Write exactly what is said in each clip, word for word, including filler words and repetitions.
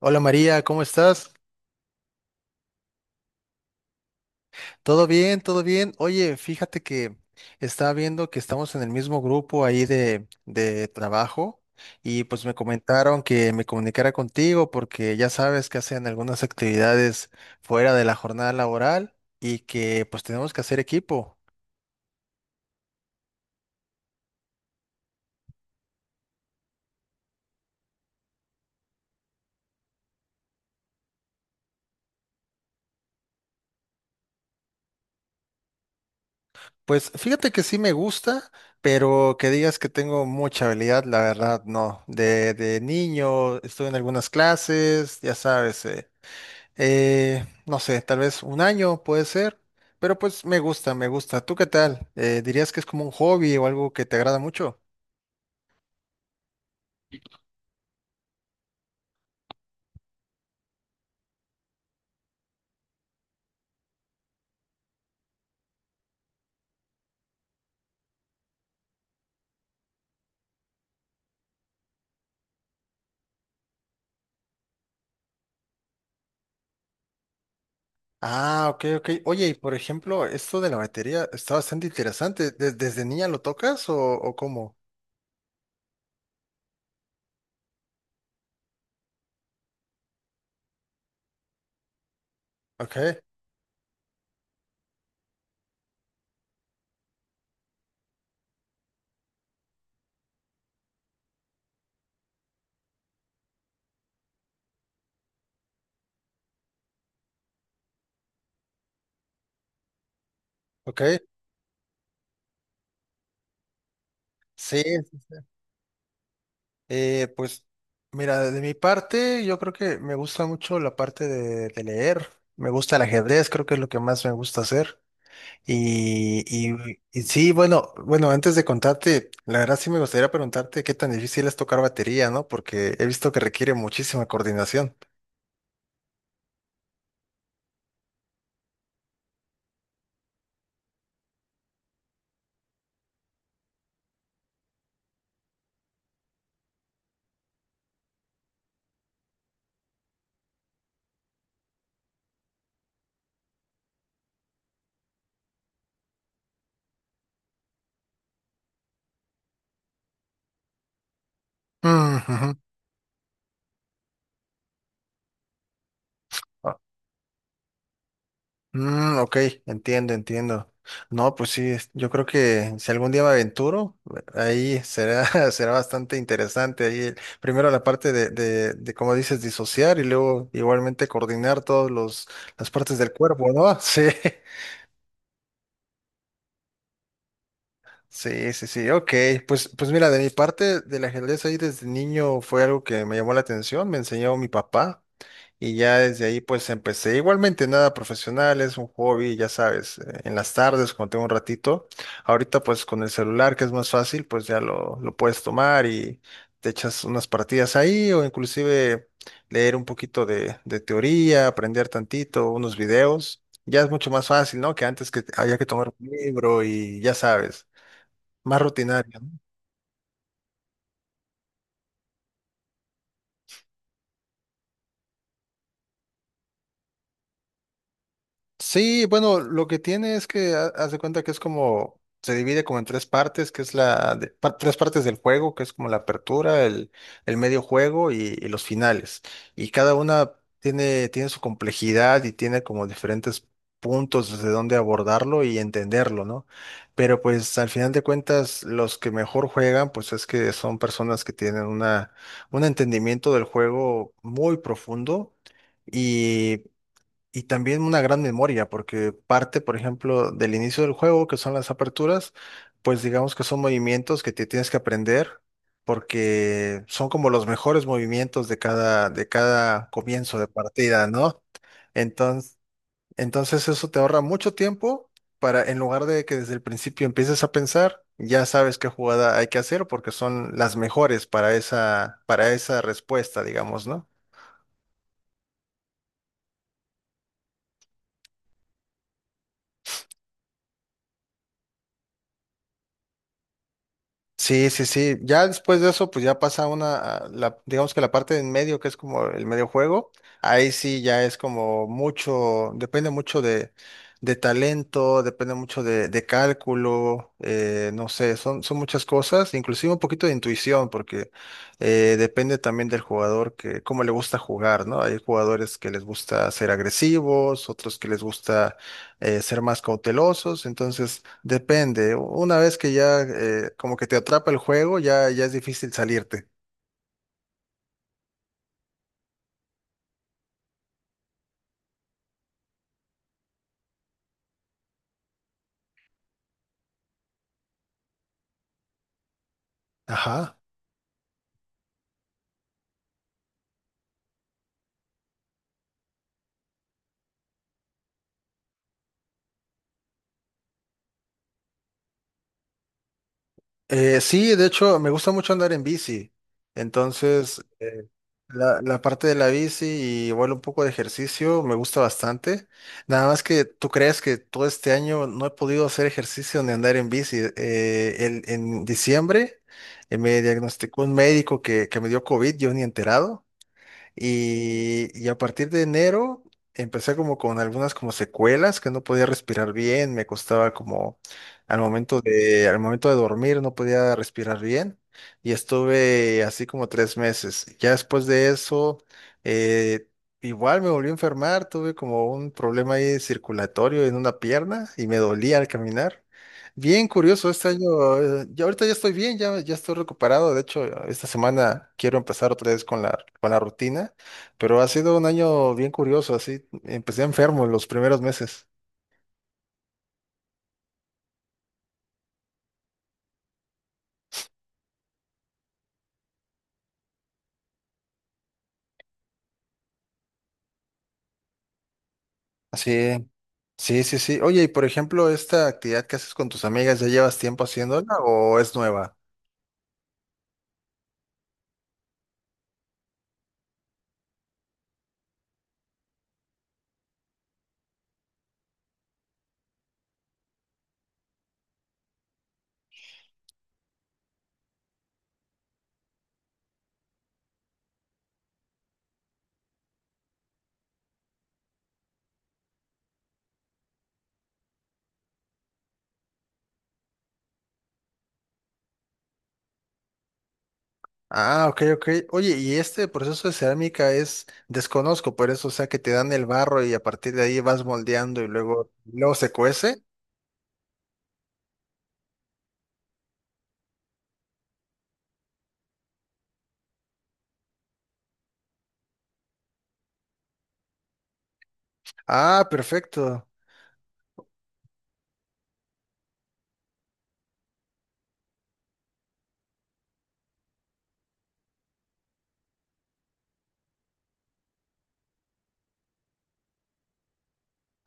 Hola María, ¿cómo estás? ¿Todo bien? ¿Todo bien? Oye, fíjate que estaba viendo que estamos en el mismo grupo ahí de, de trabajo, y pues me comentaron que me comunicara contigo porque ya sabes que hacen algunas actividades fuera de la jornada laboral y que pues tenemos que hacer equipo. Pues fíjate que sí me gusta, pero que digas que tengo mucha habilidad, la verdad no. De, de niño estuve en algunas clases, ya sabes. Eh, Eh, no sé, tal vez un año puede ser, pero pues me gusta, me gusta. ¿Tú qué tal? Eh, ¿dirías que es como un hobby o algo que te agrada mucho? Ah, ok, ok. Oye, y por ejemplo, esto de la batería está bastante interesante. ¿De- ¿Desde niña lo tocas o, o cómo? Ok, ok. Sí. Eh, pues mira, de mi parte, yo creo que me gusta mucho la parte de, de leer. Me gusta el ajedrez, creo que es lo que más me gusta hacer. Y, y- y sí, bueno, bueno, antes de contarte, la verdad sí me gustaría preguntarte qué tan difícil es tocar batería, ¿no? Porque he visto que requiere muchísima coordinación. Mm, ujú. Mm, ok, entiendo, entiendo. No, pues sí, es- yo creo que si algún día me aventuro, ahí será, será bastante interesante. Ahí, el- primero la parte de, de, de, como dices, disociar y luego igualmente coordinar todos los, las partes del cuerpo, ¿no? Sí, sí, sí, sí. Ok, pues, pues mira, de mi parte, del ajedrez ahí desde niño fue algo que me llamó la atención, me enseñó mi papá. Y ya desde ahí pues empecé. Igualmente nada profesional, es un hobby, ya sabes, eh, en las tardes cuando tengo un ratito. Ahorita pues con el celular que es más fácil, pues ya lo, lo puedes tomar y te echas unas partidas ahí o inclusive leer un poquito de, de teoría, aprender tantito, unos videos. Ya es mucho más fácil, ¿no? Que antes que había que tomar un libro y ya sabes, más rutinario. Sí, bueno, lo que tiene es que ha- haz de cuenta que es como, se divide como en tres partes, que es la, de- pa- tres partes del juego, que es como la apertura, el, el medio juego y, y los finales. Y cada una tiene, tiene su complejidad y tiene como diferentes puntos desde donde abordarlo y entenderlo, ¿no? Pero pues al final de cuentas, los que mejor juegan, pues es que son personas que tienen una, un entendimiento del juego muy profundo. Y también una gran memoria, porque parte, por ejemplo, del inicio del juego, que son las aperturas, pues digamos que son movimientos que te tienes que aprender, porque son como los mejores movimientos de cada, de cada comienzo de partida, ¿no? Entonces, entonces eso te ahorra mucho tiempo para, en lugar de que desde el principio empieces a pensar, ya sabes qué jugada hay que hacer, porque son las mejores para esa, para esa respuesta, digamos, ¿no? Sí, sí, sí. Ya después de eso, pues ya pasa una, a la, digamos que la parte de en medio, que es como el medio juego, ahí sí ya es como mucho, depende mucho de, de talento, depende mucho de, de cálculo, eh, no sé, son, son muchas cosas, inclusive un poquito de intuición, porque eh, depende también del jugador que, cómo le gusta jugar, ¿no? Hay jugadores que les gusta ser agresivos, otros que les gusta eh, ser más cautelosos, entonces depende. Una vez que ya eh, como que te atrapa el juego, ya, ya es difícil salirte. Ajá. Eh, sí, de hecho, me gusta mucho andar en bici. Entonces, eh, la, la parte de la bici y igual un poco de ejercicio me gusta bastante. Nada más que tú crees que todo este año no he podido hacer ejercicio ni andar en bici. Eh, el- en diciembre eh, me diagnosticó un médico que, que me dio COVID, yo ni enterado. Y, y a partir de enero empecé como con algunas como secuelas que no podía respirar bien, me costaba como al momento de, al momento de dormir no podía respirar bien y estuve así como tres meses. Ya después de eso, eh, igual me volví a enfermar, tuve como un problema ahí circulatorio en una pierna y me dolía al caminar. Bien curioso este año. eh, Ya ahorita ya estoy bien, ya, ya estoy recuperado. De hecho, esta semana quiero empezar otra vez con la, con la rutina, pero ha sido un año bien curioso. Así empecé enfermo los primeros meses. Así, sí, sí, sí. Oye, y por ejemplo, esta actividad que haces con tus amigas, ¿ya llevas tiempo haciéndola o es nueva? Ah, ok, ok. Oye, y este proceso de cerámica es desconozco, por eso, o sea, que te dan el barro y a partir de ahí vas moldeando y luego, luego se cuece. Ah, perfecto.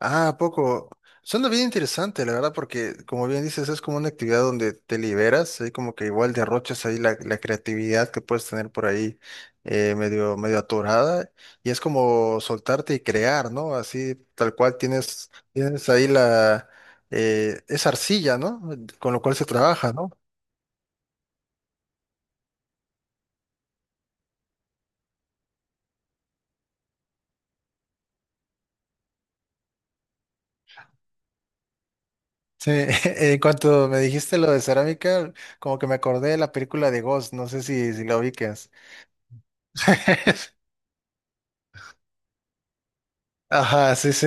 Ah, ¿a poco? Suena bien interesante, la verdad, porque como bien dices, es como una actividad donde te liberas, hay como que igual derrochas ahí la, la creatividad que puedes tener por ahí eh, medio, medio atorada, y es como soltarte y crear, ¿no? Así tal cual tienes, tienes ahí la eh, esa arcilla, ¿no? Con lo cual se trabaja, ¿no? Sí, en cuanto me dijiste lo de cerámica, como que me acordé de la película de Ghost, no sé si, si la ubicas. Ajá, sí, sí.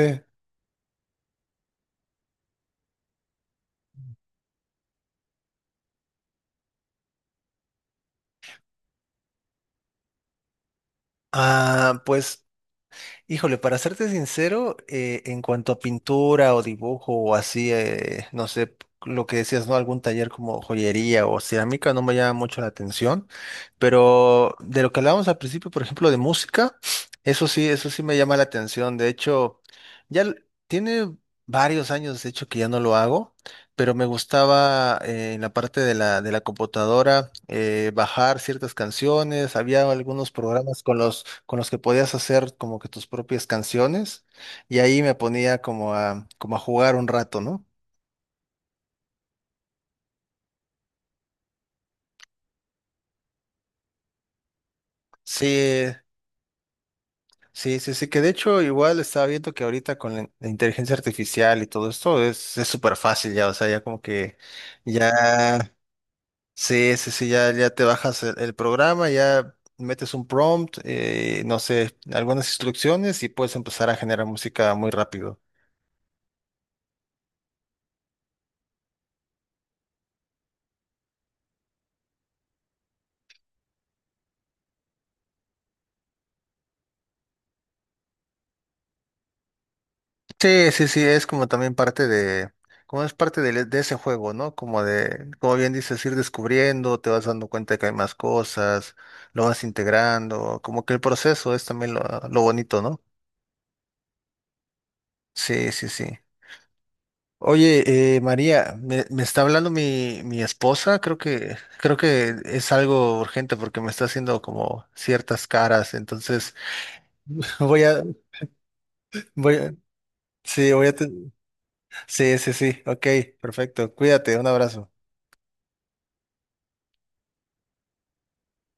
Ah, pues, híjole, para serte sincero, eh, en cuanto a pintura o dibujo o así, eh, no sé, p- lo que decías, ¿no? Algún taller como joyería o cerámica no me llama mucho la atención, pero de lo que hablábamos al principio, por ejemplo, de música, eso sí, eso sí me llama la atención. De hecho, ya l- tiene varios años, de hecho, que ya no lo hago, pero me gustaba eh, en la parte de la, de la computadora eh, bajar ciertas canciones, había algunos programas con los con los que podías hacer como que tus propias canciones y ahí me ponía como a, como a jugar un rato, ¿no? Sí, sí, sí, sí, que de hecho igual estaba viendo que ahorita con la, la inteligencia artificial y todo esto es, es súper fácil ya, o sea, ya como que ya, sí, sí, sí, ya, ya te bajas el, el programa, ya metes un prompt, eh, no sé, algunas instrucciones y puedes empezar a generar música muy rápido. Sí, sí, sí, es como también parte de, como es parte del- de, ese juego, ¿no? Como de, como bien dices, ir descubriendo, te vas dando cuenta de que hay más cosas, lo vas integrando, como que el proceso es también lo, lo bonito, ¿no? Sí, sí, sí. Oye, eh, María, me, me está hablando mi, mi esposa, creo que, creo que es algo urgente porque me está haciendo como ciertas caras, entonces voy a, voy a, sí, voy a, te- sí, sí, sí, ok, perfecto, cuídate, un abrazo.